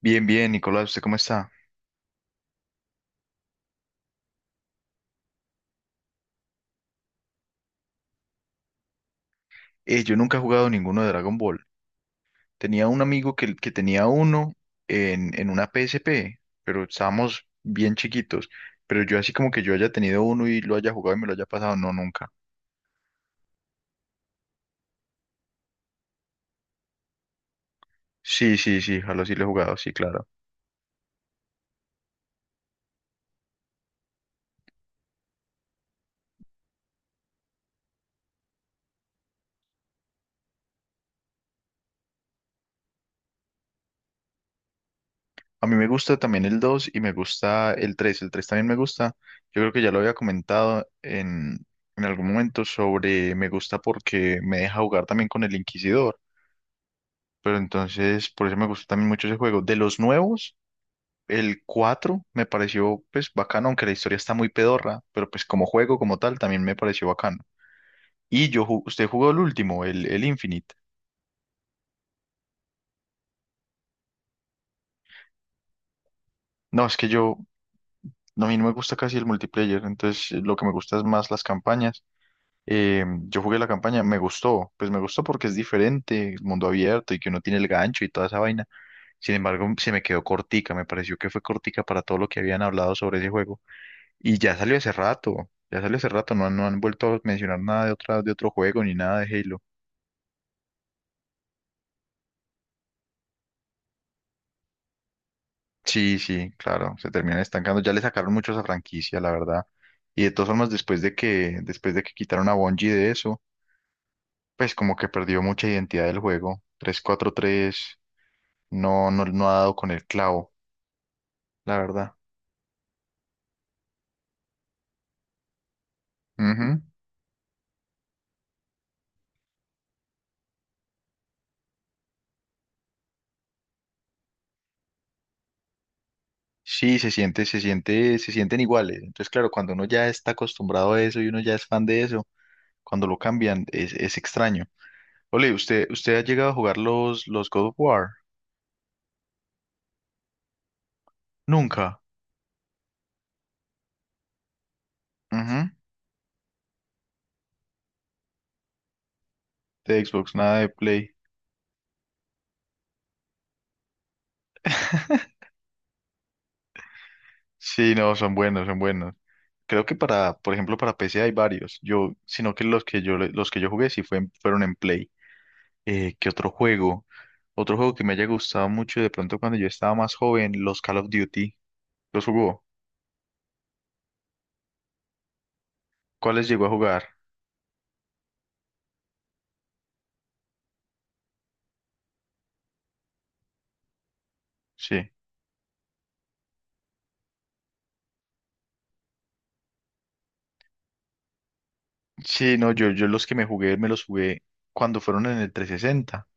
Bien, bien, Nicolás, ¿usted cómo está? Yo nunca he jugado ninguno de Dragon Ball. Tenía un amigo que tenía uno en una PSP, pero estábamos bien chiquitos. Pero yo así como que yo haya tenido uno y lo haya jugado y me lo haya pasado, no, nunca. Sí, sí, sí, Halo sí lo he jugado, sí, claro. A mí me gusta también el 2 y me gusta el 3. El 3 también me gusta. Yo creo que ya lo había comentado en algún momento sobre me gusta porque me deja jugar también con el Inquisidor. Pero entonces, por eso me gusta también mucho ese juego. De los nuevos, el 4 me pareció pues bacano, aunque la historia está muy pedorra, pero pues como juego como tal también me pareció bacano. Usted jugó el último, el Infinite. No, es que yo, no, a mí no me gusta casi el multiplayer, entonces lo que me gusta es más las campañas. Yo jugué la campaña, me gustó, pues me gustó porque es diferente, el mundo abierto y que uno tiene el gancho y toda esa vaina. Sin embargo, se me quedó cortica, me pareció que fue cortica para todo lo que habían hablado sobre ese juego. Y ya salió hace rato, ya salió hace rato, no, no han vuelto a mencionar nada de otra, de otro juego ni nada de Halo. Sí, sí, claro, se terminan estancando. Ya le sacaron mucho a esa franquicia, la verdad. Y de todas formas, después de que quitaron a Bungie de eso, pues como que perdió mucha identidad del juego. 343, no, no, no ha dado con el clavo, la verdad. Ujú. Sí, se siente, se siente, se sienten iguales. Entonces, claro, cuando uno ya está acostumbrado a eso y uno ya es fan de eso, cuando lo cambian, es extraño. Ole, ¿usted ha llegado a jugar los God of War? Nunca. Ujú. De Xbox, nada de Play. Sí, no, son buenos, son buenos. Creo que para, por ejemplo, para PC hay varios. Yo, sino que los que yo jugué sí fueron en Play. ¿Qué otro juego? Otro juego que me haya gustado mucho de pronto cuando yo estaba más joven, los Call of Duty. ¿Los jugó? ¿Cuáles llegó a jugar? Sí. Sí, no, yo los que me los jugué cuando fueron en el 360.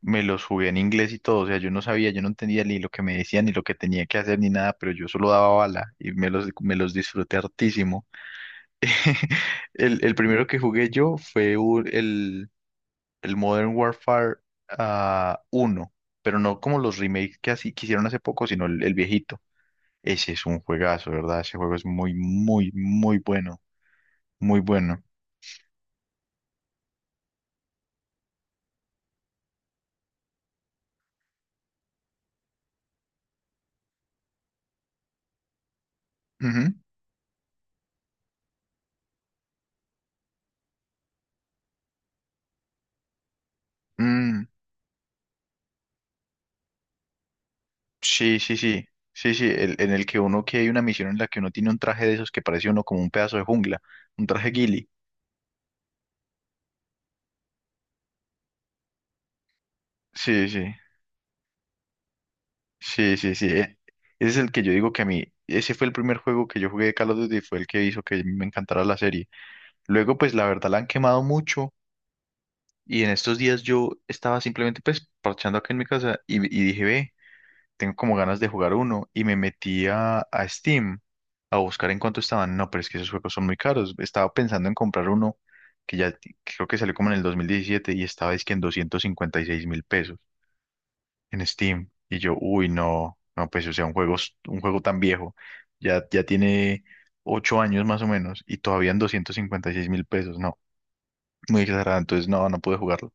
Me los jugué en inglés y todo, o sea, yo no sabía, yo no entendía ni lo que me decían, ni lo que tenía que hacer, ni nada, pero yo solo daba bala y me los disfruté hartísimo. El primero que jugué yo fue el Modern Warfare uno, pero no como los remakes que así que hicieron hace poco, sino el viejito. Ese es un juegazo, ¿verdad? Ese juego es muy, muy, muy bueno, muy bueno. Ujú. Mm, sí, sí, sí, sí, sí, en el que uno, que hay una misión en la que uno tiene un traje de esos que parece uno como un pedazo de jungla, un traje ghillie. Sí, sí, sí, sí, sí. Ese es el que yo digo que a mí, ese fue el primer juego que yo jugué de Call of Duty, fue el que hizo que me encantara la serie. Luego, pues la verdad la han quemado mucho y en estos días yo estaba simplemente pues parchando acá en mi casa y dije, ve. Tengo como ganas de jugar uno y me metí a Steam a buscar en cuánto estaban. No, pero es que esos juegos son muy caros. Estaba pensando en comprar uno que creo que salió como en el 2017 y estaba es que en 256.000 pesos en Steam. Y yo, uy, no, no, pues o sea, un juego, un juego tan viejo, ya tiene 8 años más o menos y todavía en 256.000 pesos. No, muy exagerado. Entonces, no, no pude jugarlo.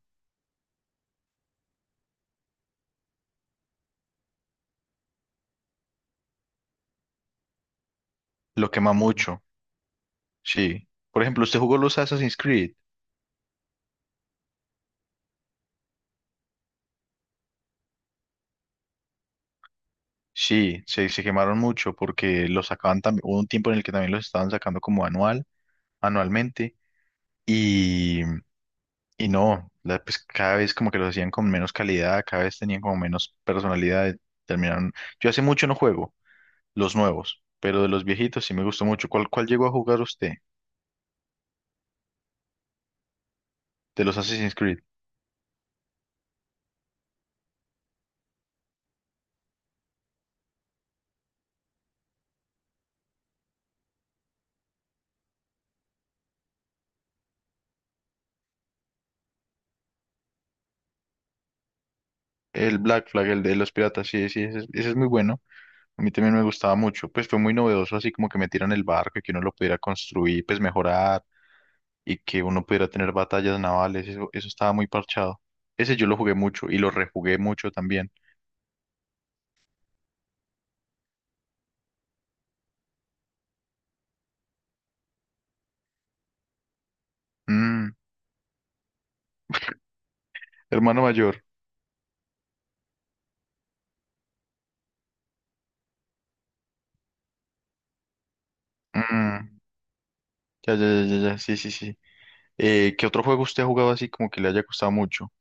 Lo quema mucho, sí. Por ejemplo, usted jugó los Assassin's Creed. Sí, se quemaron mucho porque los sacaban también, hubo un tiempo en el que también los estaban sacando como anualmente, y, y no, pues cada vez como que los hacían con menos calidad, cada vez tenían como menos personalidad, terminaron. Yo hace mucho no juego los nuevos, pero de los viejitos sí me gustó mucho. ¿Cuál llegó a jugar usted de los Assassin's Creed? El Black Flag, el de los piratas, sí, sí, ese es muy bueno. A mí también me gustaba mucho, pues fue muy novedoso, así como que metieran el barco y que uno lo pudiera construir, pues mejorar y que uno pudiera tener batallas navales, eso estaba muy parchado. Ese yo lo jugué mucho y lo rejugué mucho también. Mm, hermano mayor. Mm, ya, ya, ya, ya, ya, sí, sí, sí. ¿Qué otro juego usted ha jugado así como que le haya costado mucho?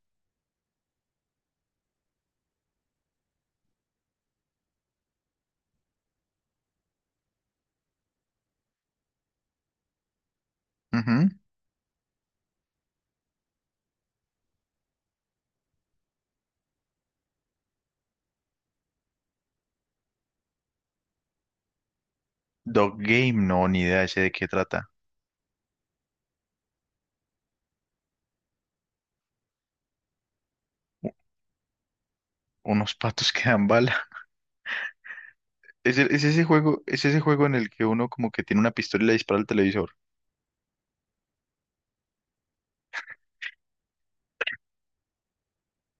Ujú. Dog Game, no, ni idea ese de qué trata. U- Unos patos que dan bala. Es, el- es ese juego, Es ese juego en el que uno como que tiene una pistola y le dispara al televisor.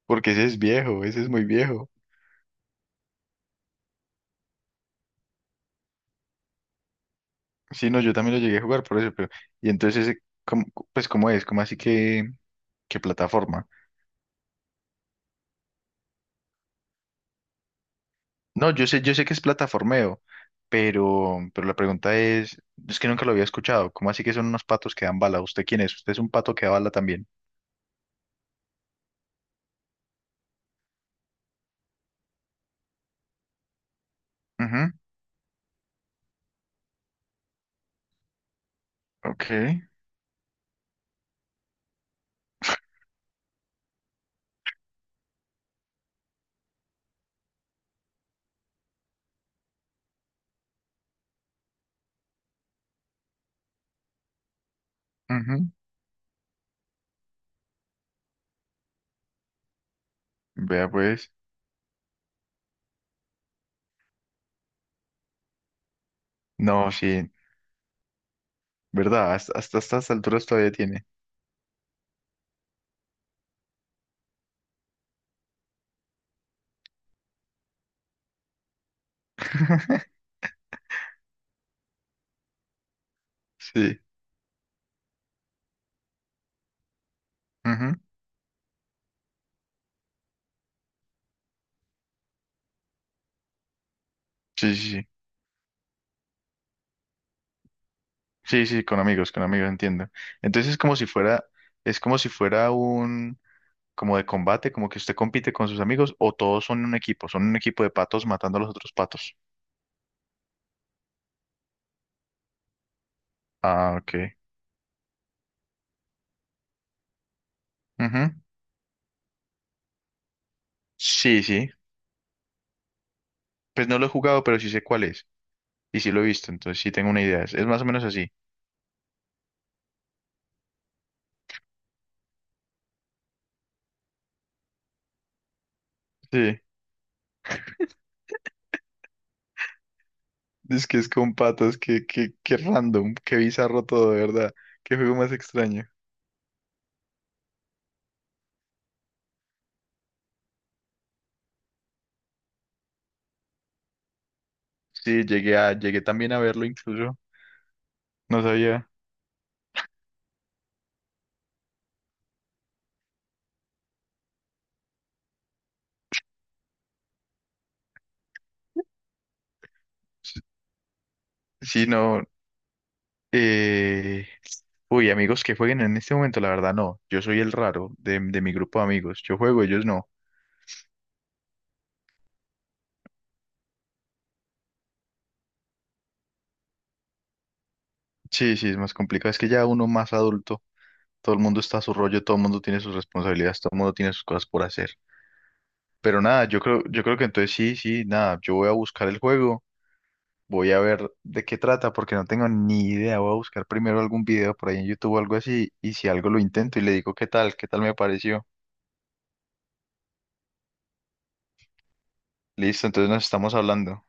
Porque ese es viejo, ese es muy viejo. Sí, no, yo también lo llegué a jugar por eso, pero... Y entonces, ese, ¿cómo- pues, ¿cómo es? ¿Cómo así que...? ¿Qué plataforma? No, yo sé que es plataformeo, pero la pregunta es que nunca lo había escuchado. ¿Cómo así que son unos patos que dan bala? ¿Usted quién es? ¿Usted es un pato que da bala también? Ujú, ok, ujú. Vea pues. No, sí, ¿verdad? Hasta estas alturas todavía tiene. Sí. Ujú, sí, sí, sí. Sí, sí, con amigos, entiendo. Entonces es como si fuera un, como de combate, como que usted compite con sus amigos o todos son un equipo, de patos matando a los otros patos. Ah, ok. Ujú. Sí, sí. Pues no lo he jugado, pero sí sé cuál es. Y sí lo he visto, entonces sí tengo una idea. Es más o menos así. Sí. Es que es con patas, que random, qué bizarro todo, de verdad. Qué juego más extraño. Sí, llegué también a verlo incluso. No sabía. Sí, no. Eh... Uy, amigos que jueguen en este momento, la verdad no. Yo soy el raro de mi grupo de amigos. Yo juego, ellos no. Sí, sí, es más complicado. Es que ya uno más adulto, todo el mundo está a su rollo, todo el mundo tiene sus responsabilidades, todo el mundo tiene sus cosas por hacer. Pero nada, yo creo que entonces sí, sí, nada, yo voy a buscar el juego, voy a ver de qué trata, porque no tengo ni idea, voy a buscar primero algún video por ahí en YouTube o algo así, y si algo lo intento y le digo qué tal me pareció. Listo, entonces nos estamos hablando.